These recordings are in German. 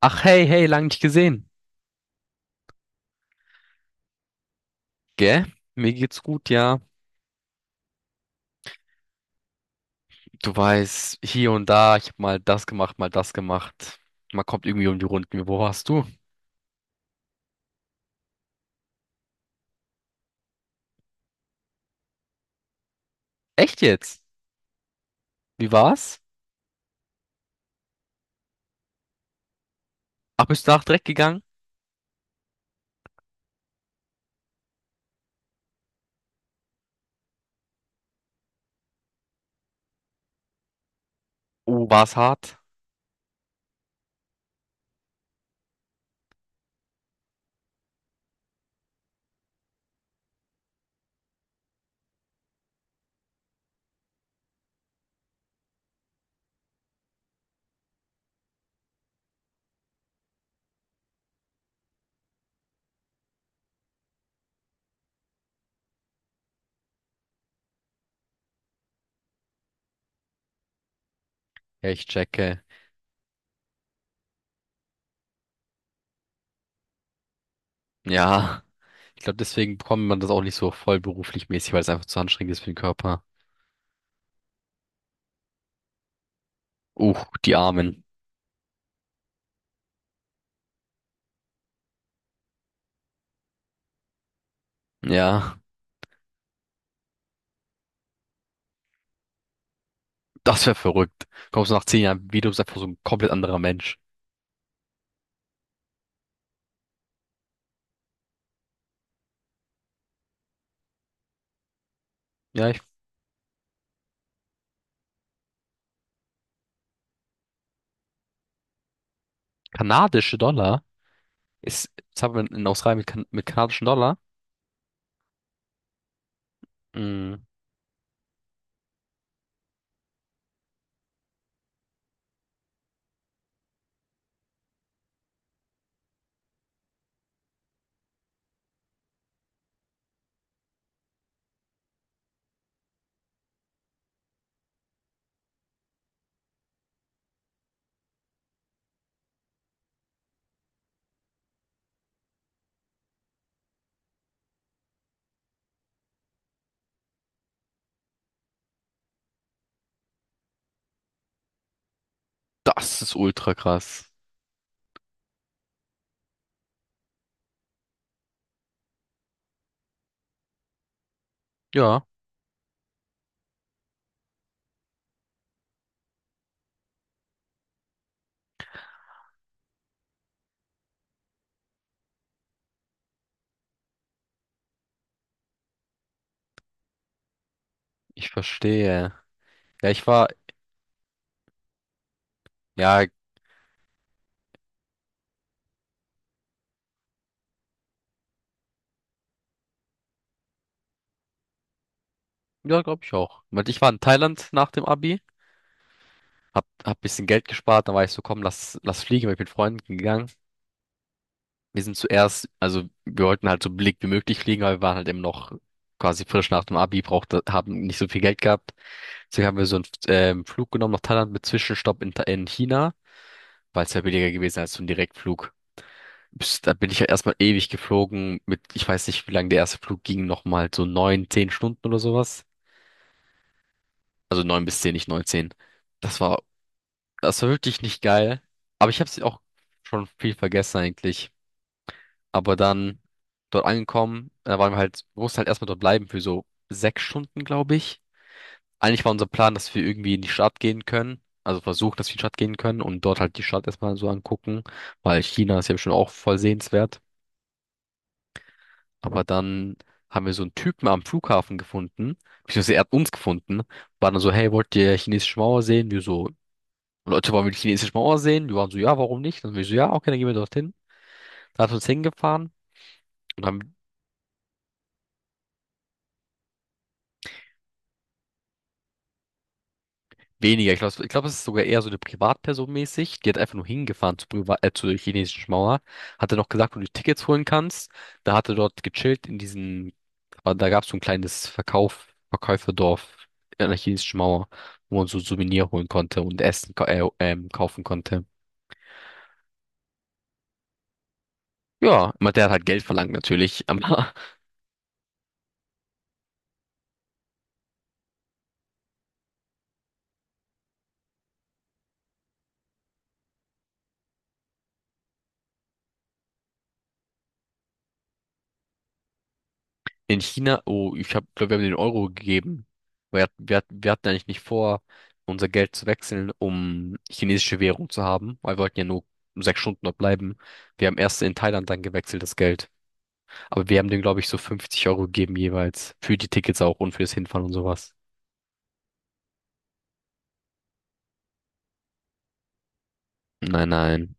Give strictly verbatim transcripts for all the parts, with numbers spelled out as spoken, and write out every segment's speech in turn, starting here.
Ach hey, hey, lang nicht gesehen. Gell? Mir geht's gut, ja. Du weißt, hier und da, ich hab mal das gemacht, mal das gemacht. Man kommt irgendwie um die Runden. Wo warst du? Echt jetzt? Wie war's? Ach, bist du nach direkt gegangen? Oh, war's hart? Ja, ich checke. Ja, ich glaube, deswegen bekommt man das auch nicht so vollberuflich mäßig, weil es einfach zu anstrengend ist für den Körper. Uh, Die Armen. Ja, das wäre verrückt. Kommst du nach zehn Jahren wieder, bist einfach so ein komplett anderer Mensch. Ja, ich, kanadische Dollar. Ist, jetzt haben wir in Australien mit, kan mit kanadischen Dollar. Mm, Das ist ultra krass. Ja, ich verstehe. Ja, ich war, ja, ja, glaube ich auch. Weil ich war in Thailand nach dem Abi, hab, hab bisschen Geld gespart, dann war ich so, komm, lass, lass fliegen, bin ich mit Freunden gegangen. Wir sind zuerst, also wir wollten halt so billig wie möglich fliegen, aber wir waren halt eben noch quasi frisch nach dem Abi, brauchte, haben nicht so viel Geld gehabt. Deswegen haben wir so einen ähm, Flug genommen nach Thailand mit Zwischenstopp in, Tha- in China, weil es ja billiger gewesen als so ein Direktflug. Bis- Da bin ich ja erstmal ewig geflogen mit, ich weiß nicht, wie lange der erste Flug ging, nochmal so neun, zehn Stunden oder sowas. Also neun bis zehn, nicht neun, zehn. Das war, das war wirklich nicht geil. Aber ich habe es auch schon viel vergessen eigentlich. Aber dann dort angekommen, da waren wir halt, wir mussten halt erstmal dort bleiben für so sechs Stunden, glaube ich. Eigentlich war unser Plan, dass wir irgendwie in die Stadt gehen können. Also versuchen, dass wir in die Stadt gehen können und dort halt die Stadt erstmal so angucken, weil China ist ja schon auch voll sehenswert. Aber dann haben wir so einen Typen am Flughafen gefunden, beziehungsweise er hat uns gefunden, war dann so, hey, wollt ihr chinesische Mauer sehen? Wir so, Leute, wollen wir die chinesische Mauer sehen? Wir waren so, ja, warum nicht? Dann wir so, ja, okay, dann gehen wir dorthin. Dann hat er uns hingefahren und haben. Weniger, ich glaube, ich glaub, es ist sogar eher so eine Privatperson mäßig. Die hat einfach nur hingefahren zur, Priva äh, zur chinesischen Mauer. Hatte noch gesagt, wo du Tickets holen kannst. Da hatte dort gechillt in diesen, aber da gab es so ein kleines Verkauf, Verkäuferdorf an der chinesischen Mauer, wo man so Souvenir holen konnte und Essen ka- äh, ähm, kaufen konnte. Ja, aber der hat halt Geld verlangt natürlich, aber in China, oh, ich habe, glaube, wir haben den Euro gegeben. Wir, hat- wir, hat- wir hatten eigentlich nicht vor, unser Geld zu wechseln, um chinesische Währung zu haben, weil wir wollten ja nur sechs Stunden dort bleiben. Wir haben erst in Thailand dann gewechselt, das Geld. Aber wir haben dem, glaube ich, so fünfzig Euro gegeben jeweils. Für die Tickets auch und fürs Hinfahren und sowas. Nein, nein.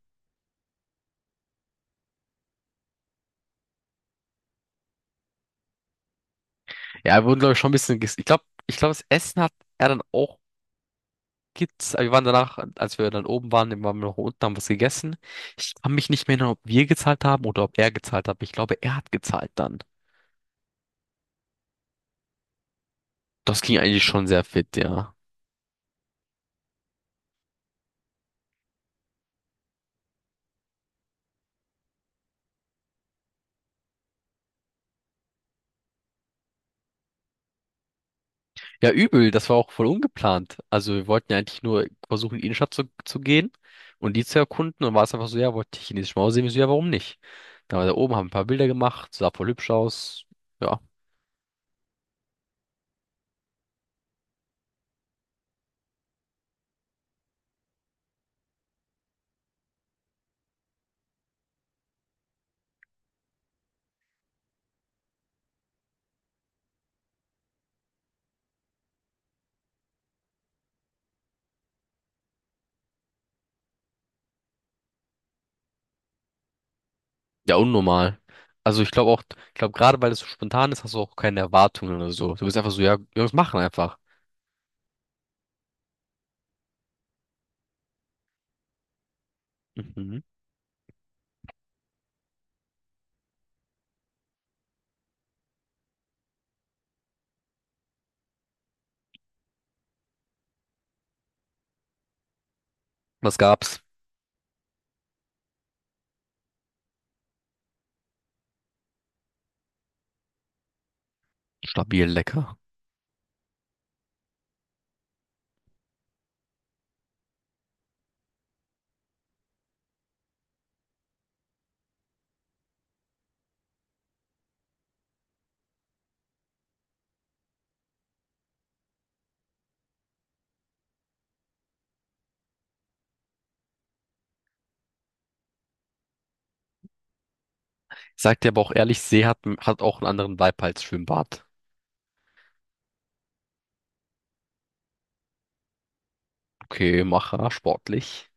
Ja, wir wurden, glaube ich, schon ein bisschen ges- Ich glaube, ich glaube, das Essen hat er dann auch gibt's, wir waren danach, als wir dann oben waren, waren wir noch unten, haben was gegessen. Ich kann mich nicht mehr erinnern, ob wir gezahlt haben oder ob er gezahlt hat. Ich glaube, er hat gezahlt dann. Das ging eigentlich schon sehr fit, ja. Ja, übel, das war auch voll ungeplant. Also wir wollten ja eigentlich nur versuchen, in die Innenstadt zu, zu gehen und die zu erkunden. Und war es einfach so, ja, wollte ich chinesische Mauer sehen, ich so, ja, warum nicht? Da war da oben, haben ein paar Bilder gemacht, sah voll hübsch aus. Ja, ja, unnormal. Also ich glaube auch, ich glaube gerade weil es so spontan ist, hast du auch keine Erwartungen oder so. Du bist einfach so, ja, wir müssen machen einfach. Mhm. Was gab's? Stabil, lecker. Ich sag dir aber auch ehrlich, See hat, hat auch einen anderen Vibe als Schwimmbad. Okay, Macher, sportlich.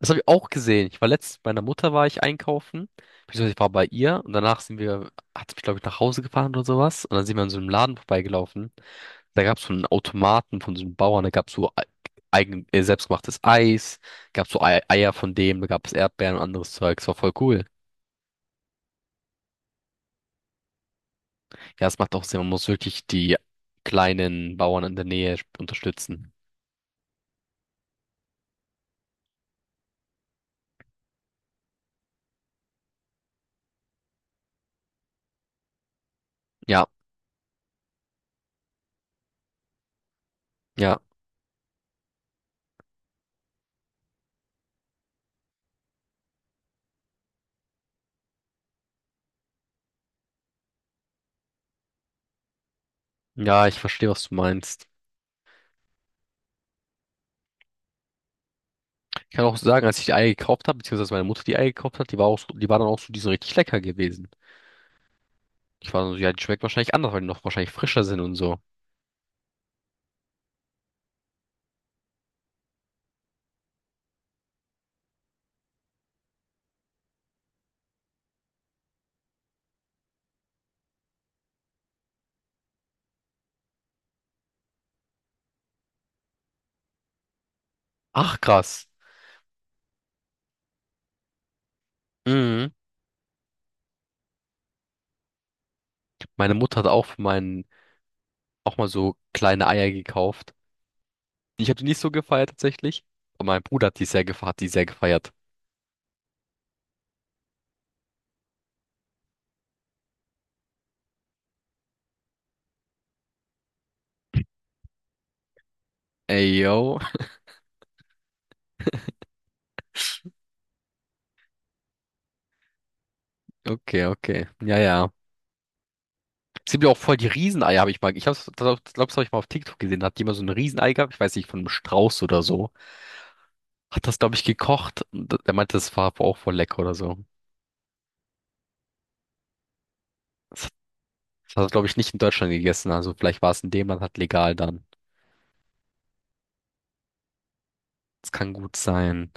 Das habe ich auch gesehen. Ich war letztens mit meiner Mutter war ich einkaufen, beziehungsweise ich war bei ihr und danach sind wir, hat sie mich glaube ich nach Hause gefahren oder sowas und dann sind wir an so einem Laden vorbeigelaufen. Da gab's so einen Automaten von so einem Bauern, da gab's so ei- eigen, äh, selbstgemachtes Eis, gab's so Ei- Eier von dem, da gab's Erdbeeren und anderes Zeug. Das war voll cool. Ja, es macht auch Sinn. Man muss wirklich die kleinen Bauern in der Nähe unterstützen. Ja, ja, ja, ich verstehe, was du meinst. Ich kann auch sagen, als ich die Eier gekauft habe, beziehungsweise meine Mutter die Eier gekauft hat, die war auch so, die war dann auch so, die sind richtig lecker gewesen. Ich war so, ja, die schmeckt wahrscheinlich anders, weil die noch wahrscheinlich frischer sind und so. Ach, krass. Mhm. Meine Mutter hat auch für meinen, auch mal so kleine Eier gekauft. Ich habe die nicht so gefeiert tatsächlich. Aber mein Bruder hat die sehr gefeiert, hat die sehr gefeiert. Ey, yo. Okay, okay. Ja, ja. Es gibt ja auch voll die Rieseneier, habe ich mal. Ich hab's- glaub, das habe ich mal auf TikTok gesehen. Da hat jemand so ein Riesenei gehabt, ich weiß nicht, von einem Strauß oder so. Hat das, glaube ich, gekocht. Und der meinte, das war auch voll lecker oder so. Das hat, das hat er, glaube ich, nicht in Deutschland gegessen. Also vielleicht war es in dem Land halt legal dann. Das kann gut sein.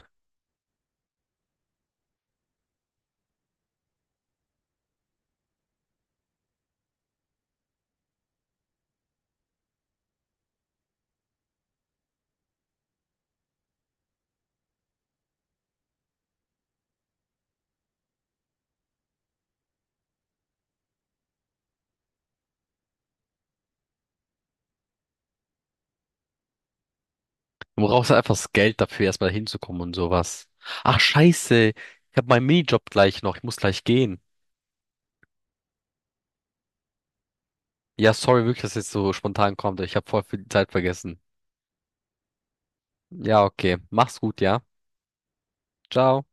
Du brauchst halt einfach das Geld dafür, erstmal hinzukommen und sowas. Ach, scheiße. Ich habe meinen Minijob gleich noch. Ich muss gleich gehen. Ja, sorry wirklich, dass es jetzt so spontan kommt. Ich habe voll viel Zeit vergessen. Ja, okay. Mach's gut, ja. Ciao.